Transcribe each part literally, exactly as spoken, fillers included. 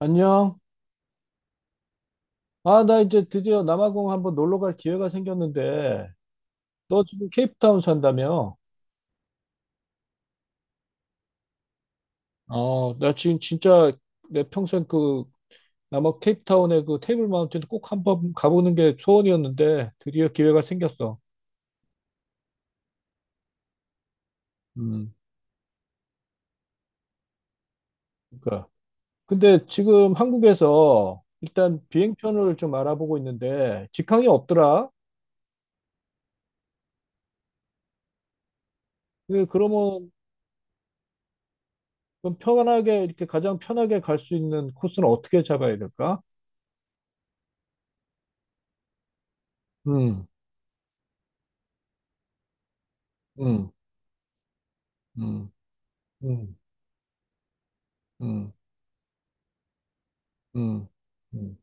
안녕. 아, 나 이제 드디어 남아공 한번 놀러 갈 기회가 생겼는데, 너 지금 케이프타운 산다며? 어, 나 지금 진짜 내 평생 그 남아 케이프타운의 그 테이블 마운틴 꼭 한번 가보는 게 소원이었는데, 드디어 기회가 생겼어. 음, 그러니까. 근데 지금 한국에서 일단 비행편을 좀 알아보고 있는데, 직항이 없더라? 그, 그러면 좀 편하게, 이렇게 가장 편하게 갈 수 있는 코스는 어떻게 잡아야 될까? 음, 음, 음, 음. 음, 음, 음.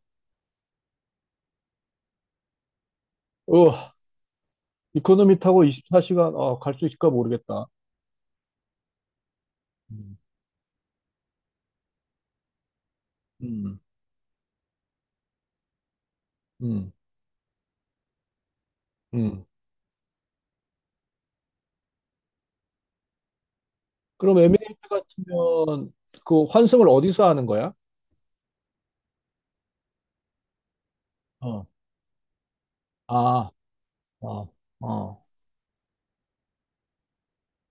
어, 이코노미 타고 이십사 시간, 어, 갈 수 있을까 모르겠다. 음, 음, 음, 음. 그럼 에미레이트 같으면 그 환승을 어디서 하는 거야? 어, 아, 어, 어,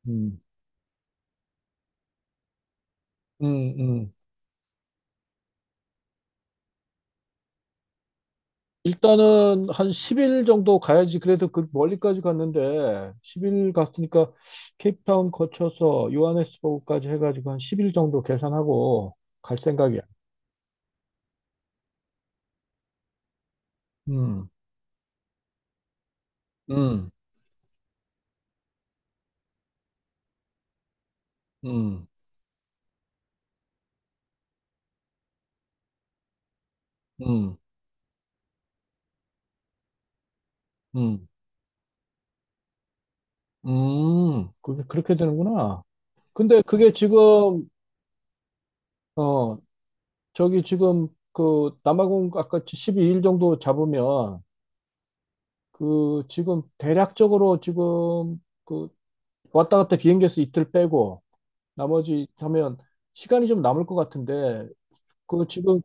음, 음, 음. 일단은 한 십 일 정도 가야지. 그래도 그 멀리까지 갔는데, 십 일 갔으니까 케이프타운 거쳐서 요하네스버그까지 해가지고 한 십 일 정도 계산하고 갈 생각이야. 음, 음, 음, 음, 음. 음, 그게 그렇게 되는구나. 근데 그게 지금, 어, 저기 지금 그 남아공 아까 십이 일 정도 잡으면 그 지금 대략적으로 지금 그 왔다 갔다 비행기에서 이틀 빼고 나머지 하면 시간이 좀 남을 것 같은데 그 지금,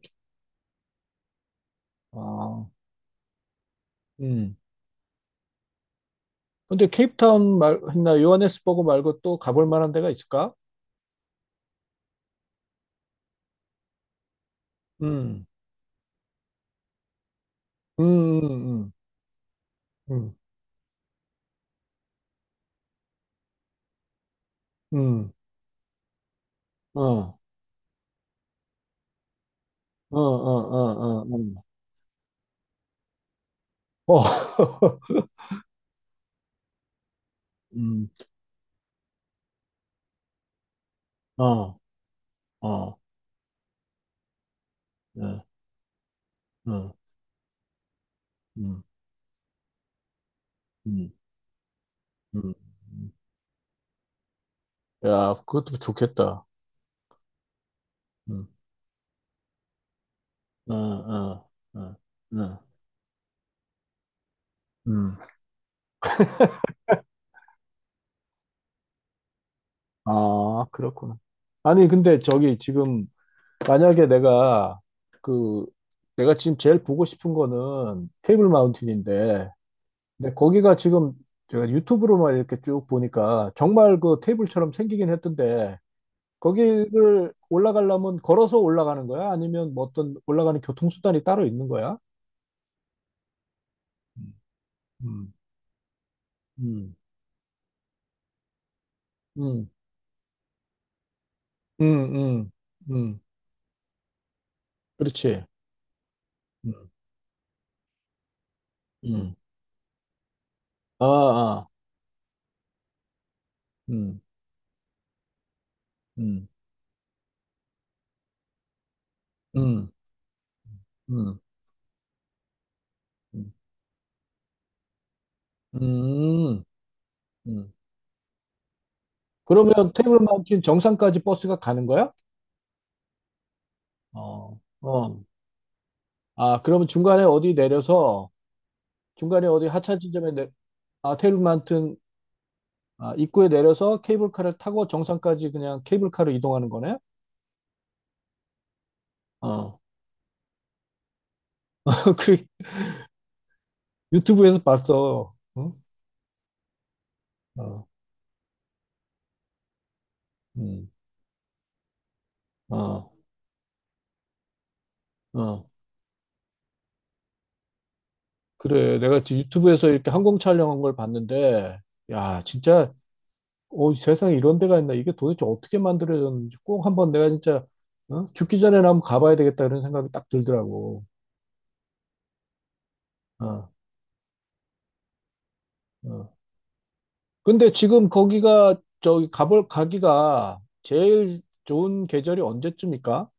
아, 음. 근데 케이프타운 말, 했나 요하네스버그 말고 또 가볼 만한 데가 있을까? 음, 음, 음, 음, 음, 음. 어, 어, 어, 어, 어. 어. 어, 음, 어, 어, 예, 음, 음, 음, 음. 야, 그것도 좋겠다. 음, 어, 어, 어, 어, 음. 아, 그렇구나. 아니, 근데 저기 지금 만약에 내가 그 내가 지금 제일 보고 싶은 거는 테이블 마운틴인데, 근데 거기가 지금 제가 유튜브로만 이렇게 쭉 보니까 정말 그 테이블처럼 생기긴 했던데 거기를 올라가려면 걸어서 올라가는 거야? 아니면 뭐 어떤 올라가는 교통수단이 따로 있는 거야? 음, 음, 음, 음, 음, 음, 그렇지. 음, 음, 아, 아, 음, 음, 음, 음, 음, 음. 음. 그러면 테이블 마운틴 정상까지 버스가 가는 거야? 어, 어. 아, 그러면 중간에 어디 내려서, 중간에 어디 하차 지점에 내, 아, 테이블 마운틴 아, 입구에 내려서 케이블카를 타고 정상까지 그냥 케이블카로 이동하는 거네? 어. 그 유튜브에서 봤어. 응? 어, 음, 어, 어. 그래. 내가 지금 유튜브에서 이렇게 항공 촬영한 걸 봤는데, 야, 진짜, 어, 세상에 이런 데가 있나? 이게 도대체 어떻게 만들어졌는지 꼭 한번 내가 진짜, 어? 죽기 전에 나 한번 가봐야 되겠다 이런 생각이 딱 들더라고. 어, 어. 근데 지금 거기가, 저기, 가볼, 가기가 제일 좋은 계절이 언제쯤일까?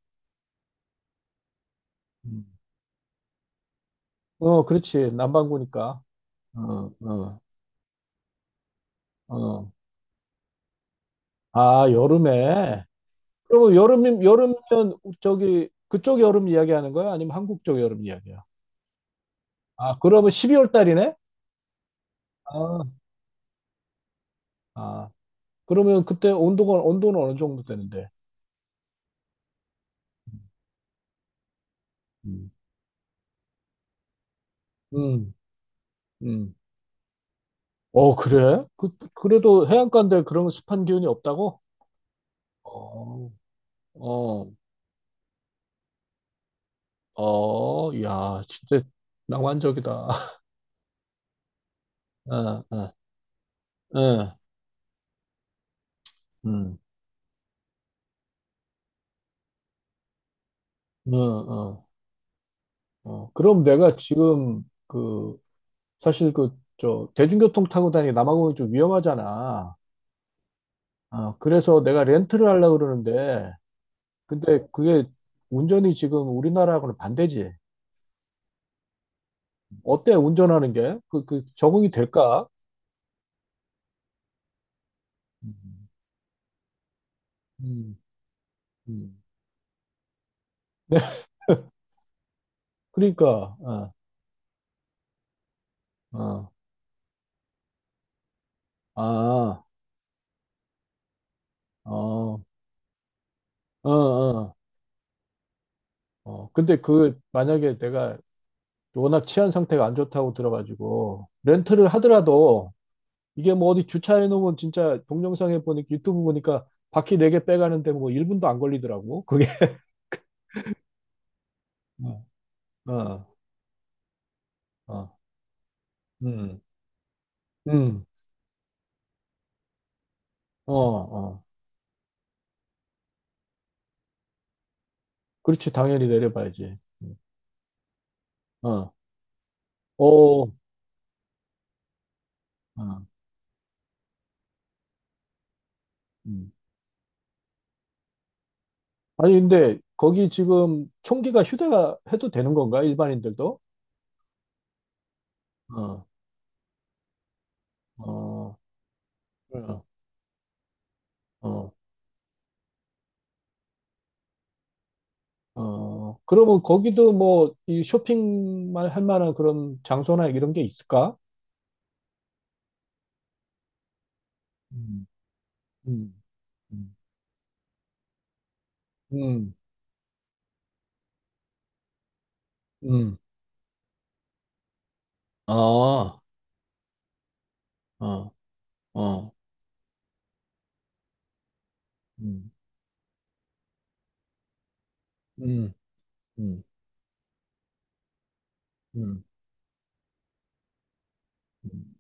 음. 어, 그렇지. 남반구니까. 어, 어, 어. 아, 여름에. 그러면 여름이, 여름이면 저기, 그쪽 여름 이야기하는 거야? 아니면 한국 쪽 여름 이야기야? 아, 그러면 십이 월 달이네? 아, 아. 그러면 그때 온도가, 온도는 어느 정도 되는데? 음, 음. 음. 어, 그래? 그, 그래도 해안가인데 그런 습한 기운이 없다고? 어, 어, 어, 야, 진짜 낭만적이다. 어, 어, 어, 음, 어, 어. 어, 그럼 내가 지금 그 사실 그 저 대중교통 타고 다니기 남아공이 좀 위험하잖아. 아, 그래서 내가 렌트를 하려고 그러는데 근데 그게 운전이 지금 우리나라하고는 반대지. 어때 운전하는 게? 그, 그 적응이 될까? 음, 음, 음. 네, 그러니까 어, 어, 아, 어, 어, 어, 어. 근데 그 만약에 내가 워낙 치안 상태가 안 좋다고 들어가지고 렌트를 하더라도 이게 뭐 어디 주차해 놓으면 진짜 동영상에 보니까 유튜브 보니까 바퀴 네 개 빼가는데 뭐 일 분도 안 걸리더라고. 그게. 어, 어, 어, 음, 음, 어, 어. 그렇지. 당연히 내려봐야지. 음, 어, 오, 어, 음. 아니, 근데 거기 지금 총기가 휴대가 해도 되는 건가? 일반인들도? 어, 어, 어, 어. 어, 그러면 거기도 뭐 이 쇼핑만 할 만한 그런 장소나 이런 게 있을까? 음, 음, 음. 음. 음, 아, 어, 어, 음, 음, 음, 음. 음.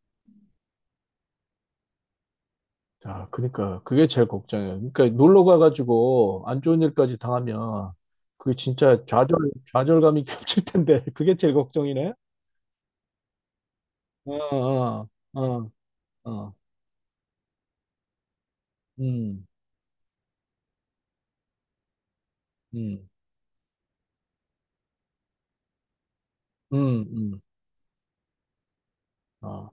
자, 그러니까 그게 제일 걱정이에요. 그러니까 놀러 가가지고 안 좋은 일까지 당하면 그게 진짜 좌절, 좌절감이 겹칠 텐데 그게 제일 걱정이네. 어, 어, 어, 어, 음, 음, 음, 음, 어,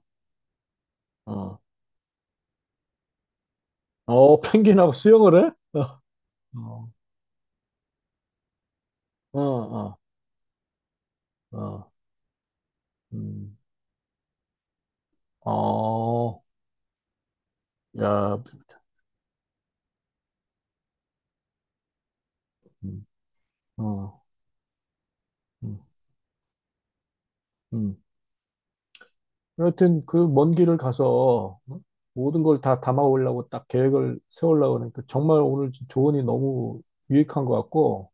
어, 어, 펭귄하고 수영을 해? 어, 어, 어, 어, 어, 음, 어, 야, 음, 어, 음. 음. 여하튼 그 먼 길을 가서 어? 모든 걸 다 담아오려고 딱 계획을 세우려고 하니까 정말 오늘 조언이 너무 유익한 것 같고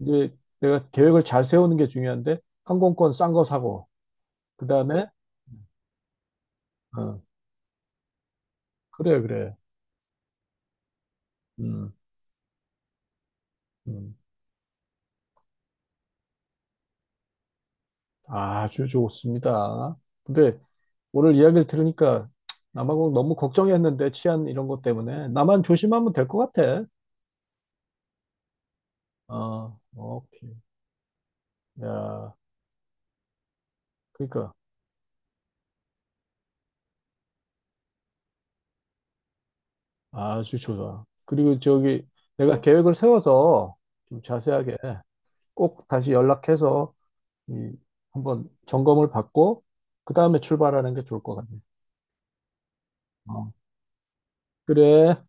이제 내가 계획을 잘 세우는 게 중요한데 항공권 싼 거 사고 그 다음에 어, 그래 그래 음, 음. 아주 좋습니다. 근데 오늘 이야기를 들으니까 남아공 너무 걱정했는데 치안 이런 것 때문에 나만 조심하면 될 것 같아. 어, 오케이. 야, 그러니까. 아주 좋아. 그리고 저기 내가 계획을 세워서 좀 자세하게 꼭 다시 연락해서 이 한번 점검을 받고 그 다음에 출발하는 게 좋을 것 같네. 어. 그래.